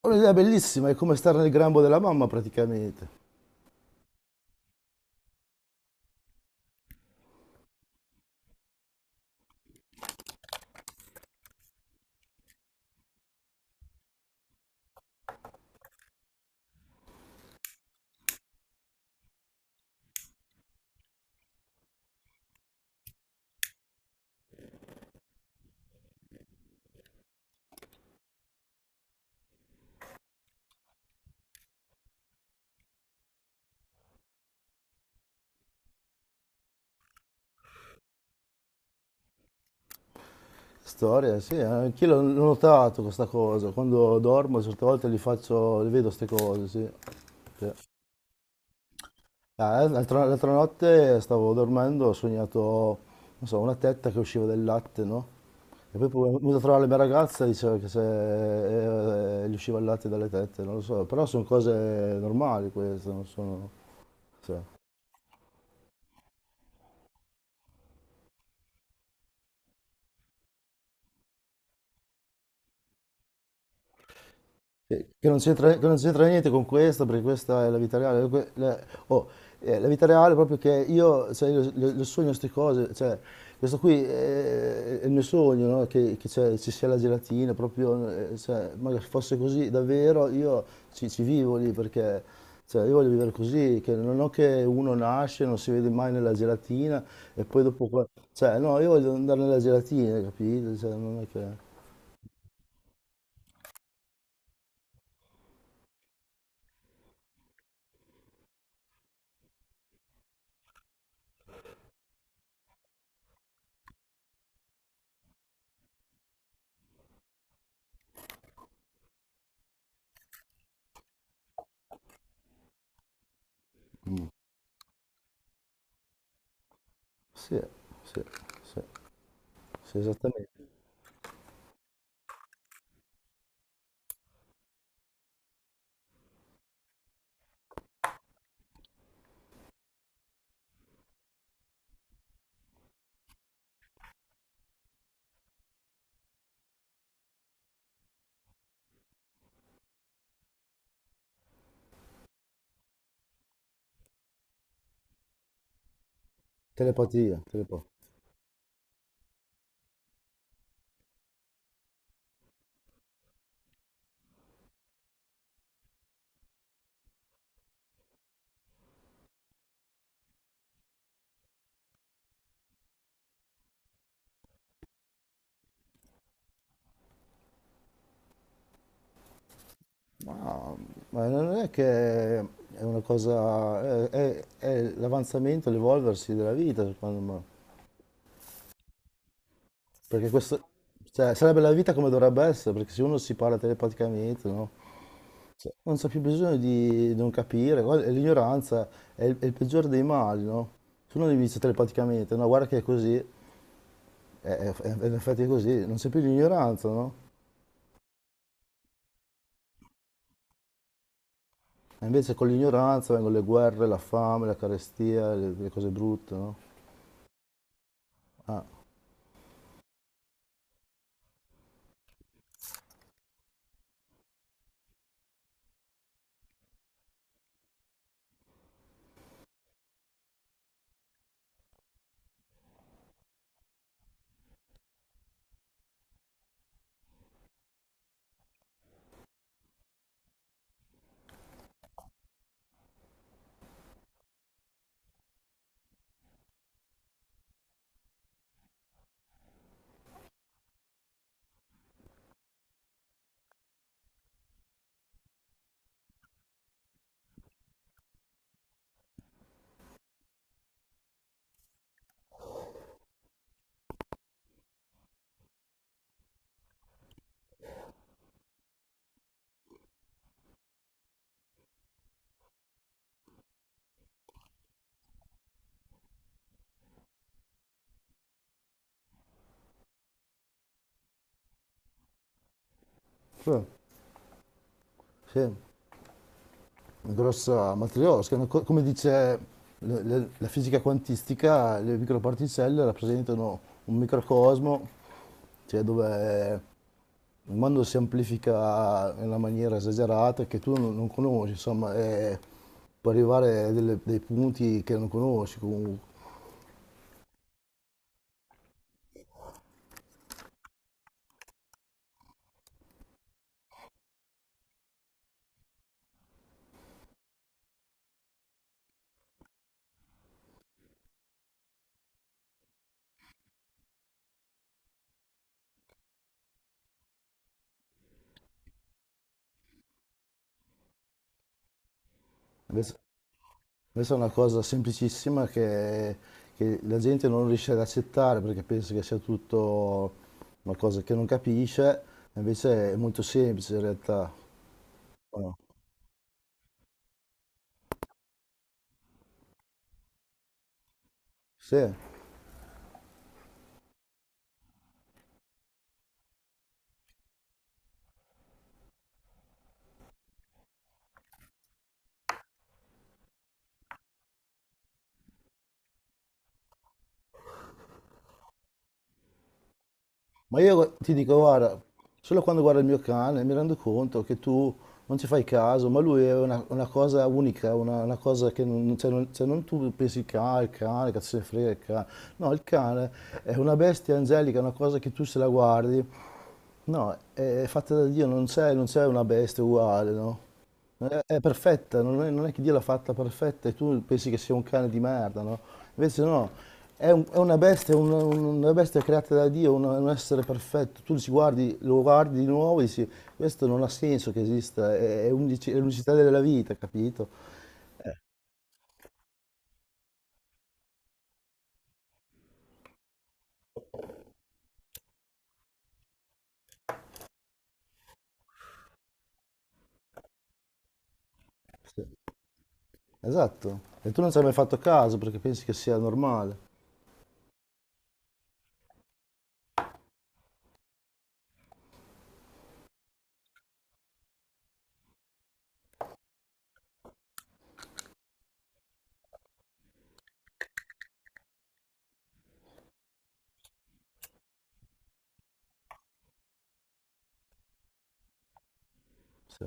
È un'idea bellissima, è come stare nel grembo della mamma praticamente. Storia, sì, anch'io l'ho notato questa cosa, quando dormo certe volte li faccio, li vedo queste cose, sì. Sì. L'altra notte stavo dormendo, ho sognato, non so, una tetta che usciva del latte, no? E poi mi sono venuto a trovare la mia ragazza e diceva che se gli usciva il latte dalle tette, non lo so, però sono cose normali queste, non sono... sì. Che non c'entra che non c'entra niente con questo, perché questa è la vita reale. Oh, la vita reale è proprio che io, cioè, io le sogno queste cose, cioè, questo qui è il mio sogno, no? Ci sia la gelatina, proprio, cioè, ma che fosse così davvero, io ci vivo lì, perché cioè, io voglio vivere così, che non ho che uno nasce, non si vede mai nella gelatina, e poi dopo... Cioè, no, io voglio andare nella gelatina, capito? Cioè, non è che... Sì, sì, sì, sì, esattamente. Telepatia, Ma, ma non è che è una cosa, è l'avanzamento, l'evolversi della vita, secondo me. Perché questo, cioè, sarebbe la vita come dovrebbe essere, perché se uno si parla telepaticamente, no? Non c'è più bisogno di non capire, guarda, l'ignoranza è è il peggiore dei mali, no? Se uno gli dice telepaticamente, no, guarda che è così, in effetti è così, non c'è più l'ignoranza, no? E invece con l'ignoranza vengono le guerre, la fame, la carestia, le cose brutte, no? Ah. Sì, sì, una grossa matriosca, una come dice la fisica quantistica, le microparticelle rappresentano un microcosmo, cioè dove il mondo si amplifica in una maniera esagerata che tu non conosci, insomma, e puoi arrivare a dei punti che non conosci comunque. Invece questa è una cosa semplicissima che la gente non riesce ad accettare perché pensa che sia tutto una cosa che non capisce, invece è molto semplice in realtà. Oh, sì, ma io ti dico, guarda, solo quando guardo il mio cane mi rendo conto che tu non ci fai caso, ma lui è una cosa unica, una cosa che non, cioè non, cioè non tu pensi, cane, il cane, cazzo se ne frega il cane. No, il cane è una bestia angelica, è una cosa che tu se la guardi. No, è fatta da Dio, non c'è una bestia uguale, no? È perfetta, non è che Dio l'ha fatta perfetta e tu pensi che sia un cane di merda, no? Invece no, è una bestia, una bestia creata da Dio, un essere perfetto. Tu ci guardi, lo guardi di nuovo e dici, questo non ha senso che esista, è è l'unicità della vita, capito? Esatto. E tu non ci hai mai fatto caso perché pensi che sia normale. Sì,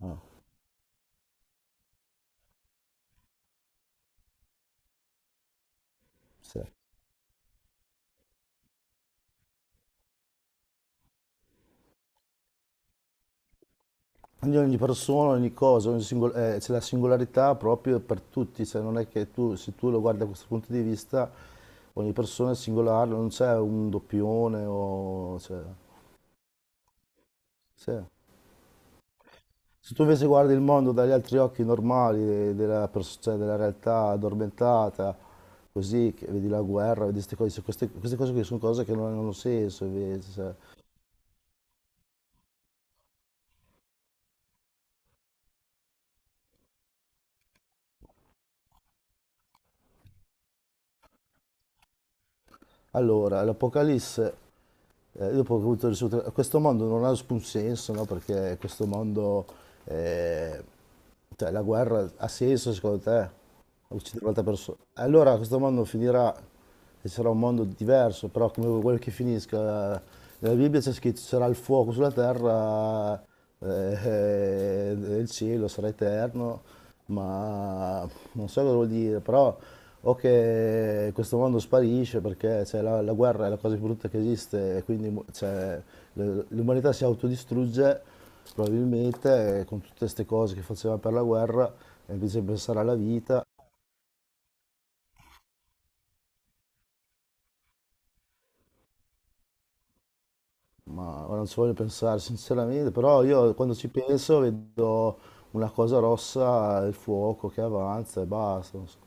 no, sì. Ogni persona, ogni cosa, c'è la singolarità proprio per tutti, cioè non è che tu, se tu lo guardi da questo punto di vista, ogni persona è singolare, non c'è un doppione o... cioè, sì. Se tu invece guardi il mondo dagli altri occhi normali, della, cioè, della realtà addormentata, così, che vedi la guerra, vedi queste cose, queste cose che sono cose che non hanno senso invece. Cioè. Allora, l'Apocalisse dopo che ho avuto il risultato, questo mondo non ha alcun senso, no? Perché questo mondo, eh, cioè la guerra ha senso secondo te? Uccidere un'altra persona. Allora questo mondo finirà e sarà un mondo diverso, però come quello che finisca, nella Bibbia c'è scritto sarà il fuoco sulla terra e il cielo sarà eterno, ma non so cosa vuol dire, però o che questo mondo sparisce perché cioè, la guerra è la cosa più brutta che esiste e quindi cioè, l'umanità si autodistrugge probabilmente con tutte queste cose che faceva per la guerra e invece pensare alla vita. Ma ora non ci voglio pensare sinceramente, però io quando ci penso vedo una cosa rossa, il fuoco che avanza e basta. Non so.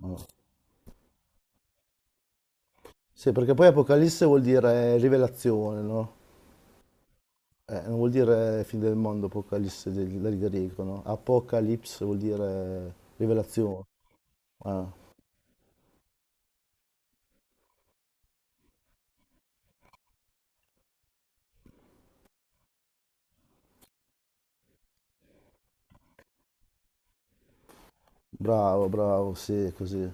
No. Sì, perché poi Apocalisse vuol dire rivelazione, no? Non vuol dire fine del mondo, Apocalisse del greco, no? Apocalypse vuol dire rivelazione. Ah, bravo, bravo, sì, così.